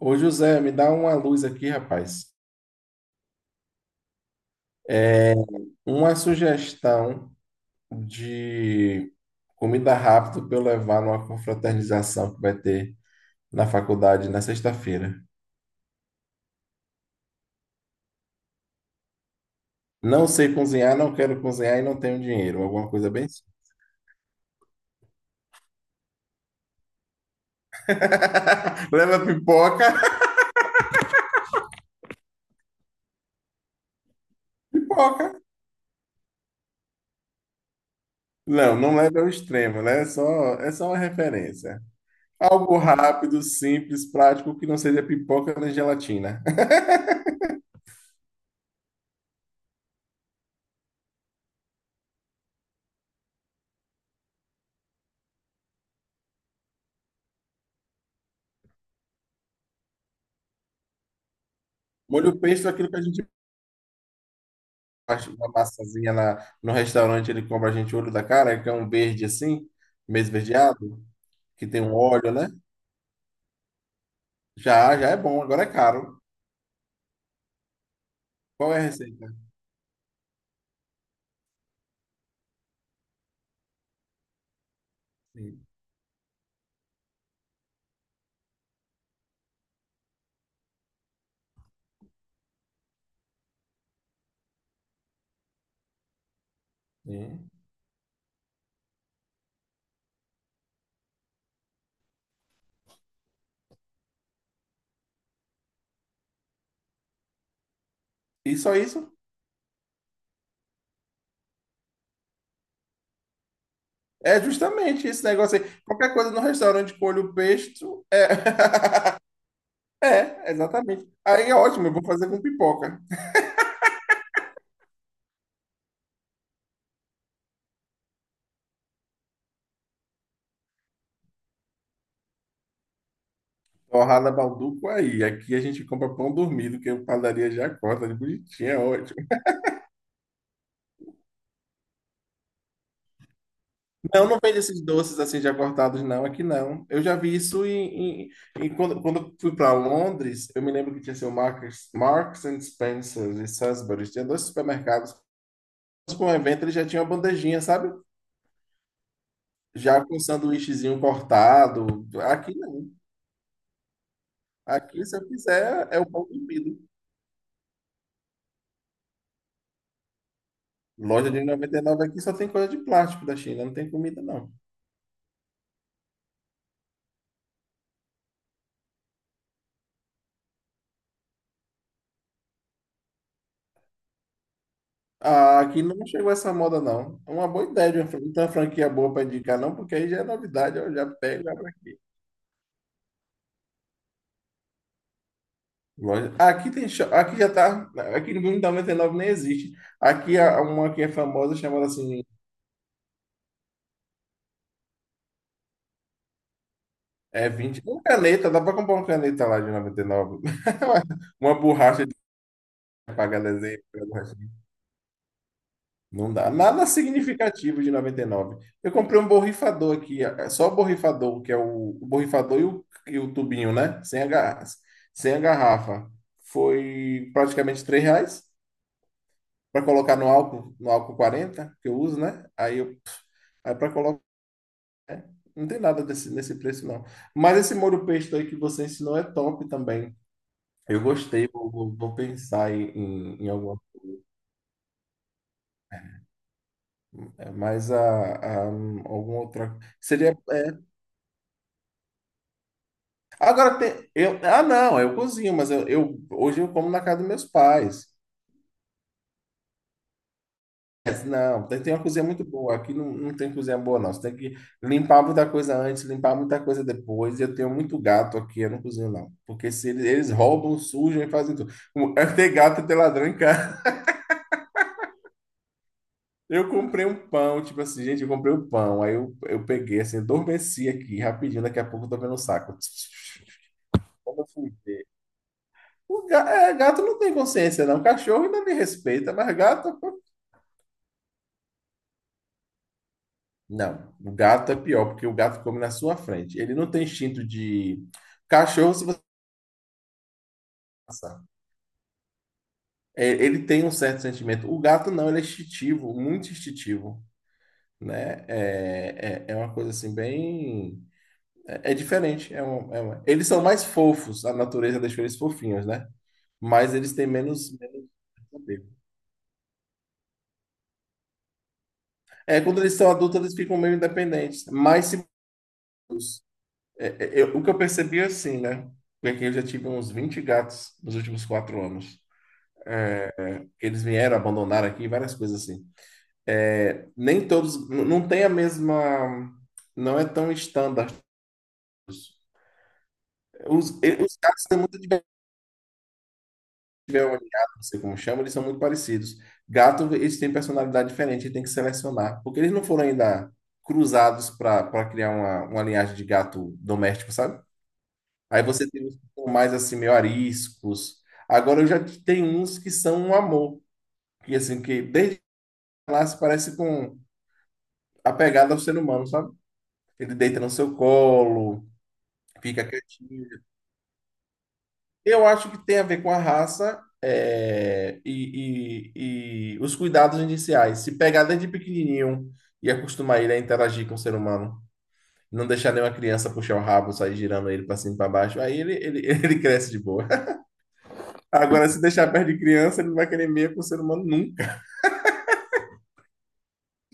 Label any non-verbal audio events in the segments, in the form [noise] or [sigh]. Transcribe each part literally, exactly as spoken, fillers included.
Ô José, me dá uma luz aqui, rapaz. É uma sugestão de comida rápida para eu levar numa confraternização que vai ter na faculdade na sexta-feira. Não sei cozinhar, não quero cozinhar e não tenho dinheiro. Alguma coisa bem assim. [laughs] Leva pipoca. [laughs] Pipoca. Não, não leva ao extremo, né? É só, é só uma referência. Algo rápido, simples, prático, que não seja pipoca nem gelatina. [laughs] Molho pesto é aquilo que a gente parte- uma massazinha na, no restaurante, ele compra a gente olho da cara, que é um verde assim, meio esverdeado, que tem um óleo, né? Já, já é bom, agora é caro. Qual é a receita? Sim. Sim. E só isso? É justamente esse negócio aí. Qualquer coisa no restaurante com olho pesto é. [laughs] É, exatamente. Aí é ótimo, eu vou fazer com pipoca. Torrada Balduco aí. Aqui a gente compra pão dormido, que a padaria já corta, de bonitinho, é ótimo. Não, não vende esses doces assim já cortados, não, aqui não. Eu já vi isso em, em- em- quando, quando eu fui para Londres, eu me lembro que tinha assim, o Marks, Marks and Spencer e Sainsbury's, tinha dois supermercados. Mas para um evento ele já tinha uma bandejinha, sabe? Já com um sanduíchezinho cortado. Aqui não. Aqui, se eu quiser, é o pão comido. Loja de noventa e nove aqui só tem coisa de plástico da China, não tem comida, não. Ah, aqui não chegou essa moda, não. É uma boa ideia, de uma fran- não uma franquia boa para indicar, não, porque aí já é novidade, eu já pego, já pra Loja- aqui tem, cho- aqui já tá, aqui no Blumenau noventa e nove nem existe. Aqui há uma que é famosa chamada assim, é vinte uma caneta, dá para comprar uma caneta lá de noventa e nove. [laughs] Uma borracha de apagar desenho. Uma borracha de- não dá. Nada significativo de noventa e nove. Eu comprei um borrifador aqui, é é só o borrifador, que é o, o borrifador e o, e o tubinho, né? Sem a, garra sem a garrafa. Foi praticamente três reais para colocar no álcool, no álcool quarenta que eu uso, né? Aí eu Aí para Não tem nada desse, nesse preço, não. Mas esse molho pesto aí que você ensinou é top também. Eu gostei, vou, vou- vou pensar em, em, em alguma, é, mais a, a, hum, alguma outra. Seria. é, Agora tem. Eu, ah, não, eu cozinho, mas eu, eu- hoje eu como na casa dos meus pais. Mas não, tem, tem uma cozinha muito boa. Aqui não, não tem cozinha boa, não. Você tem que limpar muita coisa antes, limpar muita coisa depois. E eu tenho muito gato aqui, eu não cozinho, não. Porque se eles, eles roubam, sujam e fazem tudo. Tem gato e tem ladrão em casa. Eu comprei um pão, tipo assim, gente, eu comprei um pão. Aí eu, eu peguei, assim, adormeci aqui rapidinho, daqui a pouco eu tô vendo um saco. [tsk] Quando eu fui. O ga- é, gato não tem consciência, não. Cachorro ainda me respeita, mas gato, pô. Não, o gato é pior, porque o gato come na sua frente. Ele não tem instinto de. Cachorro, se você passar. É, ele tem um certo sentimento. O gato não, ele é instintivo, muito instintivo, né? É, é, é uma coisa assim, bem. É, é diferente. É um, é um- Eles são mais fofos, a natureza deixou eles fofinhos, né? Mas eles têm menos, menos poder. É, quando eles são adultos, eles ficam meio independentes, mais seguros. É, é, eu- o que eu percebi é assim, né? Porque eu já tive uns vinte gatos nos últimos quatro anos. Eles vieram, abandonaram aqui, várias coisas assim. É, nem todos, n- não tem a mesma, não é tão estándar. Os, e- os gatos têm muita tiver um gato, não sei como chama, eles são muito parecidos. Gato, eles têm personalidade diferente, tem que selecionar, porque eles não foram ainda cruzados para para criar uma, uma linhagem de gato doméstico, sabe? Aí você tem uns que são mais assim, meio ariscos. Agora eu já tenho uns que são um amor, que assim, que desde lá se parece com apegado ao ser humano, sabe? Ele deita no seu colo, fica quietinho. Eu acho que tem a ver com a raça é, e, e- e os cuidados iniciais. Se pegar desde pequenininho e acostumar ele a interagir com o ser humano, não deixar nenhuma criança puxar o rabo, sair girando ele para cima e para baixo, aí ele, ele, [laughs] ele cresce de boa. Agora, se deixar perto de criança, ele não vai querer meia com o ser humano nunca.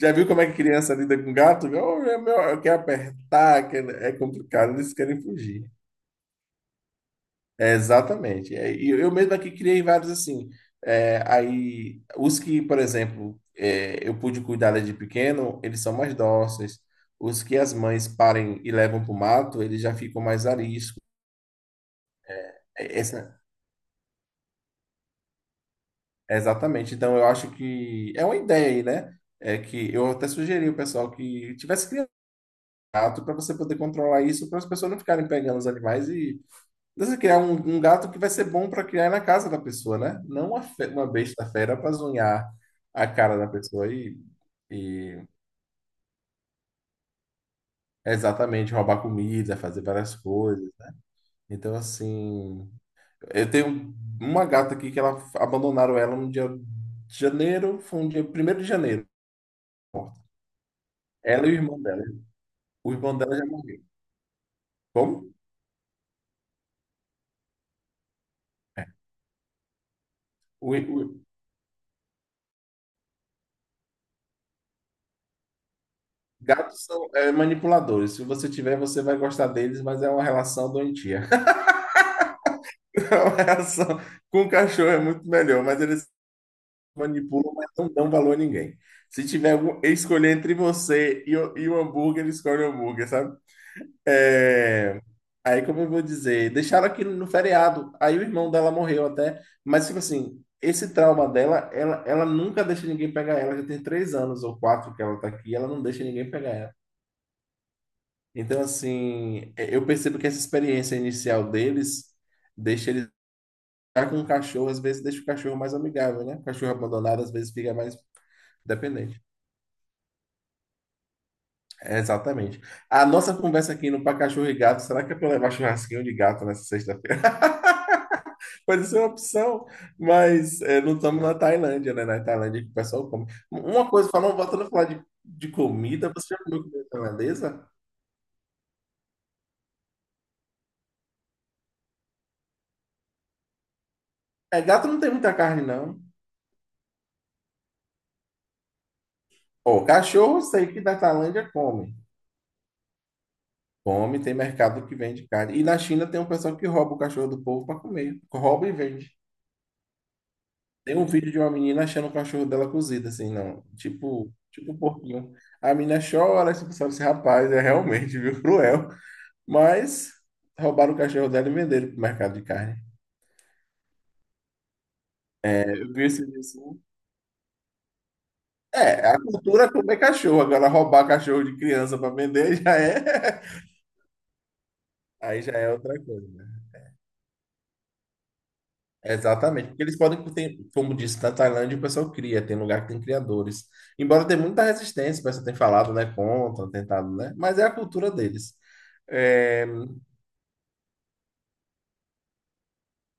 Já viu como é que criança lida com gato? Oh, é meu, eu quero apertar, quer- é complicado, eles querem fugir. É, exatamente. É, e eu mesmo aqui criei vários assim. É, aí, os que, por exemplo, é, eu pude cuidar desde pequeno, eles são mais dóceis. Os que as mães parem e levam para o mato, eles já ficam mais ariscos. É, Essa, é exatamente. Então, eu acho que é uma ideia aí, né? É que eu até sugeri ao pessoal que tivesse criado gato para você poder controlar isso, para as pessoas não ficarem pegando os animais. Você criar um, um gato que vai ser bom para criar na casa da pessoa, né? Não uma, fe- uma besta fera para zunhar a cara da pessoa e, e exatamente roubar comida, fazer várias coisas. Então, assim, eu tenho uma gata aqui que ela abandonaram ela no dia de janeiro, foi um dia primeiro de janeiro. Ela e o irmão dela. O irmão dela já morreu. Como? O, o- Gatos são é, manipuladores. Se você tiver, você vai gostar deles, mas é uma relação doentia. [laughs] A relação com o cachorro é muito melhor, mas eles manipulam, mas não dão valor a ninguém. Se tiver algum, escolher entre você e o, e o hambúrguer, ele escolhe o hambúrguer, sabe? É, aí, como eu vou dizer, deixaram aqui no feriado. Aí o irmão dela morreu até. Mas, tipo assim, esse trauma dela, ela, ela nunca deixa ninguém pegar ela. Já tem três anos ou quatro que ela tá aqui, ela não deixa ninguém pegar ela. Então, assim, é, eu percebo que essa experiência inicial deles deixa eles. Tá com o cachorro, às vezes deixa o cachorro mais amigável, né? O cachorro abandonado, às vezes, fica mais dependente. É, exatamente. A nossa conversa aqui no Pra Cachorro e Gato, será que é pra levar churrasquinho de gato nessa sexta-feira? [laughs] Pode ser uma opção, mas é, não estamos na Tailândia, né? Na Tailândia que o pessoal come. Uma coisa, falando, voltando a falar de, de comida, você já comeu comida tailandesa? É, gato não tem muita carne, não. Ó, cachorro, eu sei que na Tailândia come. Come, tem mercado que vende carne. E na China tem um pessoal que rouba o cachorro do povo para comer. Rouba e vende. Tem um vídeo de uma menina achando o cachorro dela cozido, assim, não. Tipo, tipo um porquinho. A menina chora, tipo, sabe, esse rapaz é realmente, [laughs] viu, cruel. Mas roubaram o cachorro dela e venderam pro mercado de carne. É, eu vi esse vídeo assim. É, a cultura é comer cachorro. Agora roubar cachorro de criança para vender já é. [laughs] Aí já é outra coisa, né? Exatamente, porque eles podem, ter- como disse, na Tailândia o pessoal cria, tem lugar que tem criadores. Embora tenha muita resistência, o pessoal tem falado, né, contra, tentado, né, mas é a cultura deles. É,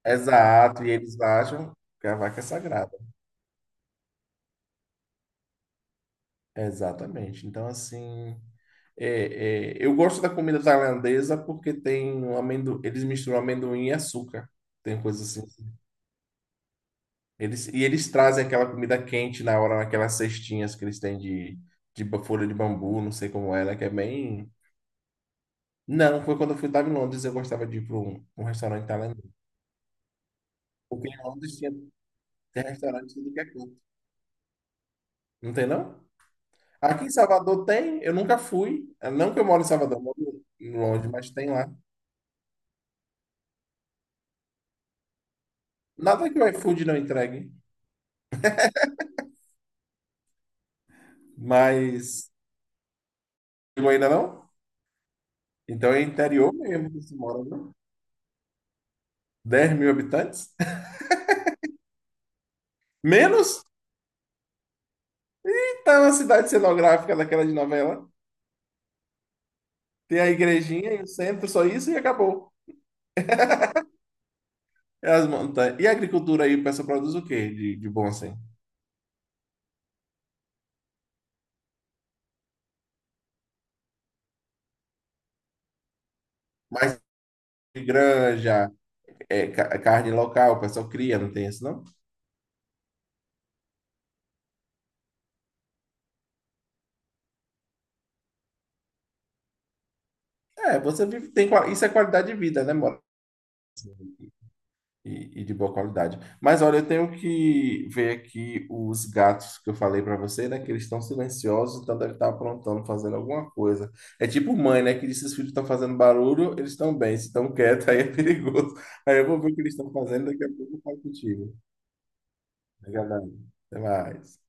exato, e eles acham que a vaca é sagrada. Exatamente. Então, assim, é, é, eu gosto da comida tailandesa porque tem um amendoim, eles misturam amendoim e açúcar. Tem coisas assim. Eles, e eles trazem aquela comida quente na hora, naquelas cestinhas que eles têm de, de ba- folha de bambu, não sei como é, né? Que é bem. Não, foi quando eu fui, estava em Londres, eu gostava de ir para um, um restaurante tailandês. Porque em Londres tinha, tem restaurante de tudo que é canto. Não tem, não? Aqui em Salvador tem, eu nunca fui. Não que eu moro em Salvador, eu moro longe, mas tem lá. Nada que o iFood não entregue. Mas. Eu ainda não? Então é interior mesmo que se mora, né? dez mil habitantes? [laughs] Menos? É uma cidade cenográfica daquela de novela. Tem a igrejinha e o centro, só isso e acabou. É as montanhas. E a agricultura aí, o pessoal produz o quê de, de bom assim? Mais de granja, é, ca- carne local, o pessoal cria, não tem isso não? É, você vive, tem, qua- isso é qualidade de vida, né, mora? e, e de boa qualidade. Mas olha, eu tenho que ver aqui os gatos que eu falei para você, né? Que eles estão silenciosos, então deve estar aprontando, fazendo alguma coisa. É tipo mãe, né? Que diz que os filhos estão fazendo barulho, eles estão bem. Se estão quietos, [laughs] aí é perigoso. Aí eu vou ver o que eles estão fazendo, daqui a pouco eu falo contigo. Obrigado. Até mais.